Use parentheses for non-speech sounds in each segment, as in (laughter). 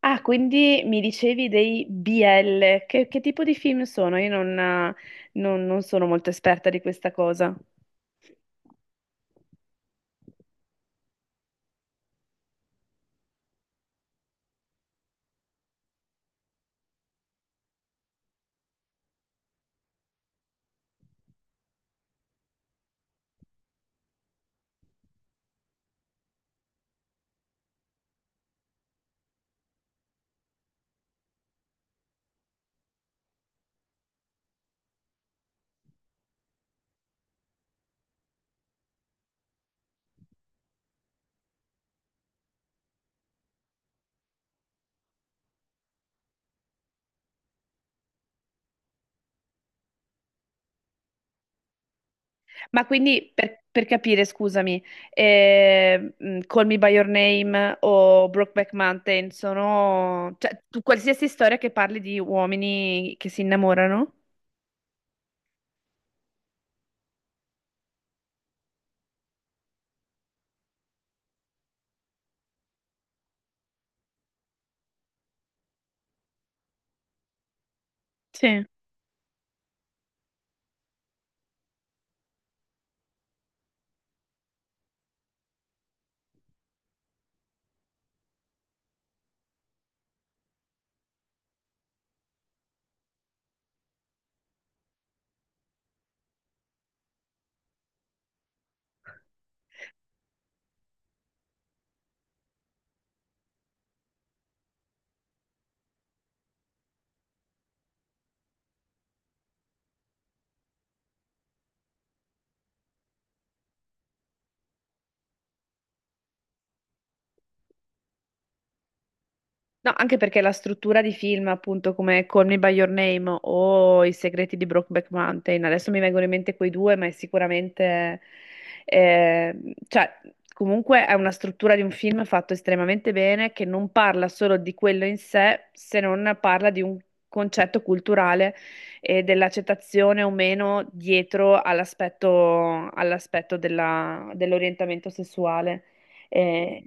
Ah, quindi mi dicevi dei BL. Che tipo di film sono? Io non, non sono molto esperta di questa cosa. Ma quindi per capire, scusami, Call Me by Your Name o Brokeback Mountain sono qualsiasi storia che parli di uomini che si innamorano? Sì. No, anche perché la struttura di film, appunto, come Call Me by Your Name o I segreti di Brokeback Mountain, adesso mi vengono in mente quei due, ma è sicuramente, eh, cioè, comunque è una struttura di un film fatto estremamente bene, che non parla solo di quello in sé, se non parla di un concetto culturale e dell'accettazione o meno dietro all'aspetto dell'orientamento sessuale. Eh,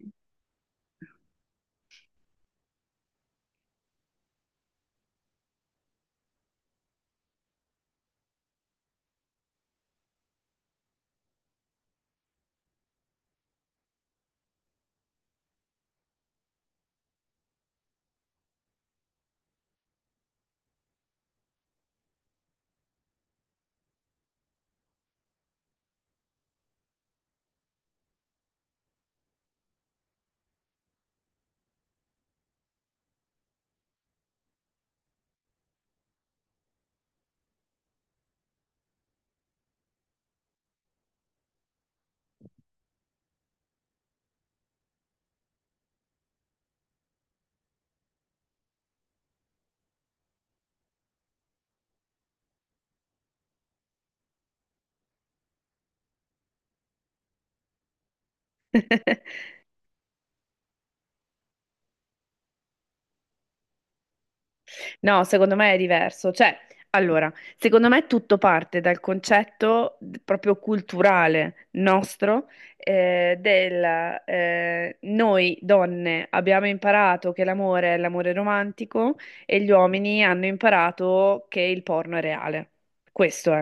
No, secondo me è diverso. Cioè, allora, secondo me tutto parte dal concetto proprio culturale nostro del noi donne abbiamo imparato che l'amore è l'amore romantico e gli uomini hanno imparato che il porno è reale. Questo è.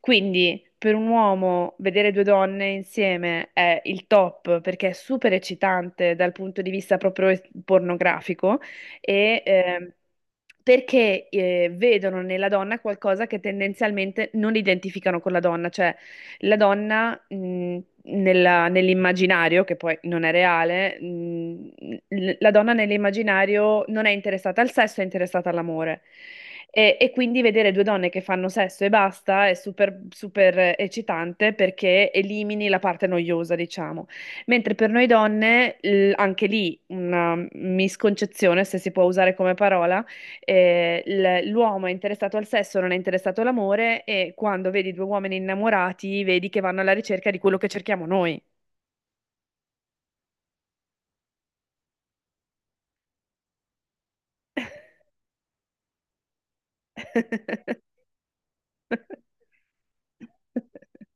Quindi, per un uomo vedere due donne insieme è il top perché è super eccitante dal punto di vista proprio pornografico e perché vedono nella donna qualcosa che tendenzialmente non identificano con la donna, cioè la donna nell'immaginario, che poi non è reale, la donna nell'immaginario non è interessata al sesso, è interessata all'amore. E quindi vedere due donne che fanno sesso e basta è super eccitante perché elimini la parte noiosa, diciamo. Mentre per noi donne, anche lì una misconcezione, se si può usare come parola, eh, l'uomo è interessato al sesso, non è interessato all'amore e quando vedi due uomini innamorati, vedi che vanno alla ricerca di quello che cerchiamo noi. (laughs)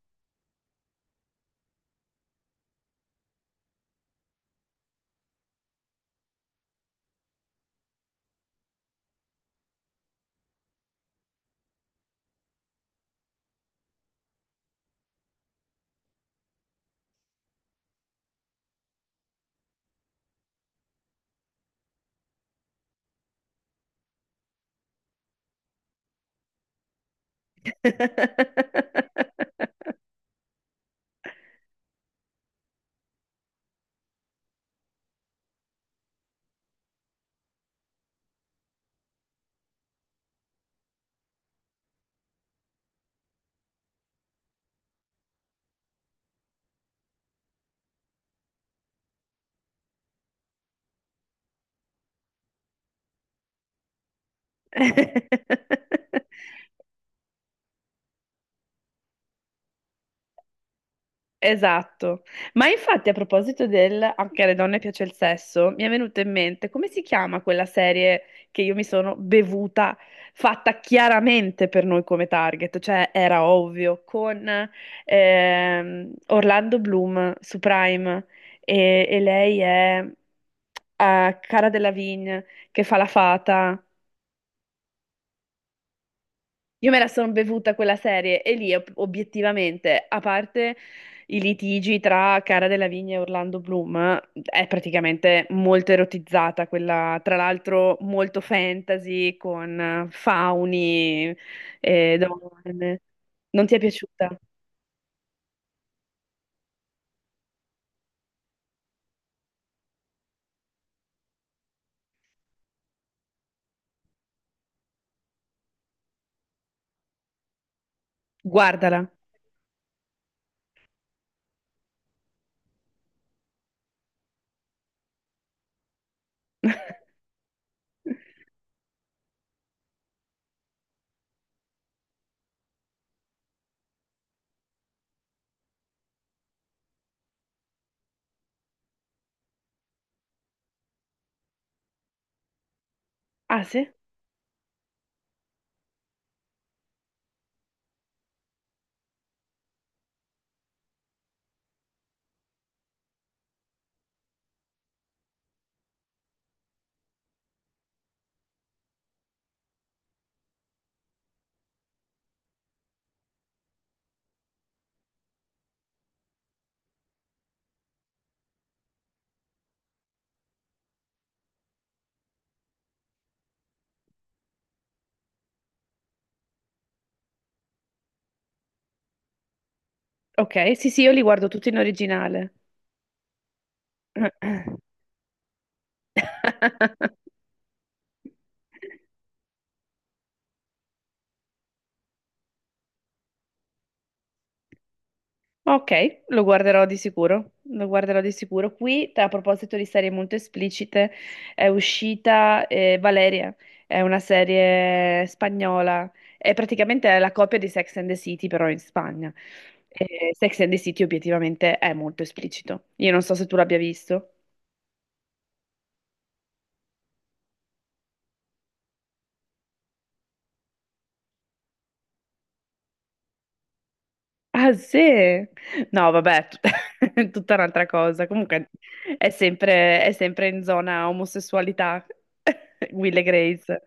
Esatto, ma infatti a proposito del anche alle donne piace il sesso, mi è venuto in mente come si chiama quella serie che io mi sono bevuta, fatta chiaramente per noi come target, cioè era ovvio, con Orlando Bloom su Prime e lei è Cara Delevingne che fa la fata. Io me la sono bevuta quella serie e lì obiettivamente, a parte i litigi tra Cara della Vigna e Orlando Bloom, è praticamente molto erotizzata quella, tra l'altro molto fantasy con fauni e donne. Non ti è piaciuta? Guardala. (laughs) Ah sì? Ok, sì sì, io li guardo tutti in originale. (clears throat) (laughs) Ok, lo guarderò di sicuro, lo guarderò di sicuro. Qui, a proposito di serie molto esplicite, è uscita Valeria, è una serie spagnola, è praticamente la copia di Sex and the City, però in Spagna. E Sex and the City obiettivamente è molto esplicito. Io non so se tu l'abbia visto. Ah, sì? No, vabbè, (laughs) è tutta un'altra cosa. Comunque è sempre in zona omosessualità, (laughs) Will e Grace.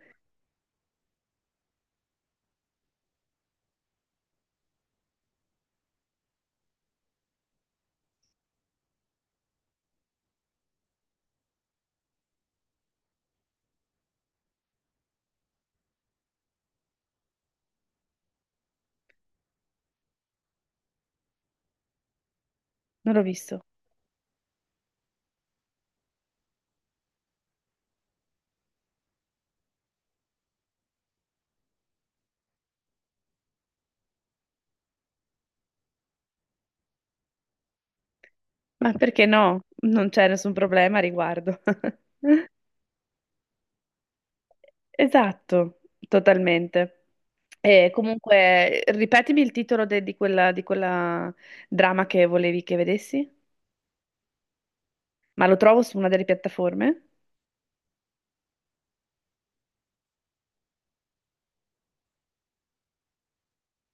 Non l'ho visto. Ma perché no? Non c'è nessun problema a riguardo. (laughs) Esatto, totalmente. E comunque, ripetimi il titolo di quella drama che volevi che vedessi? Ma lo trovo su una delle piattaforme?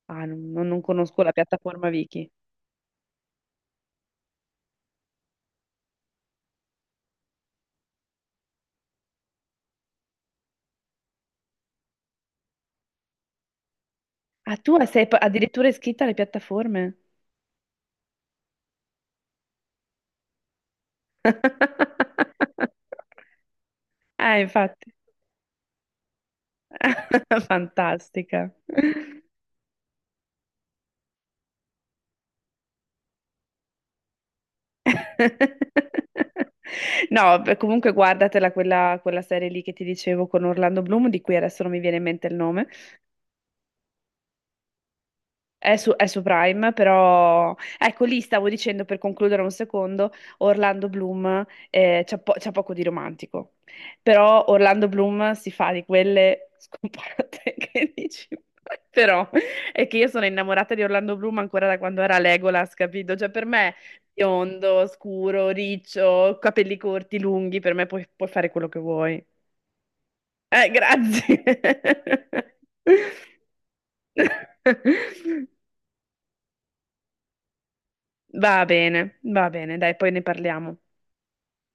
Ah, non conosco la piattaforma Viki. Ah, tu sei addirittura iscritta alle piattaforme? (laughs) Ah, infatti. (laughs) Fantastica. (laughs) No, beh, comunque guardatela quella serie lì che ti dicevo con Orlando Bloom, di cui adesso non mi viene in mente il nome. È su Prime, però ecco lì stavo dicendo per concludere un secondo, Orlando Bloom c'ha poco di romantico, però Orlando Bloom si fa di quelle scopate (laughs) che dici, però è che io sono innamorata di Orlando Bloom ancora da quando era Legolas, capito? Cioè per me biondo, scuro, riccio, capelli corti, lunghi, per me puoi fare quello che vuoi. Grazie. (laughs) Va bene, dai, poi ne parliamo.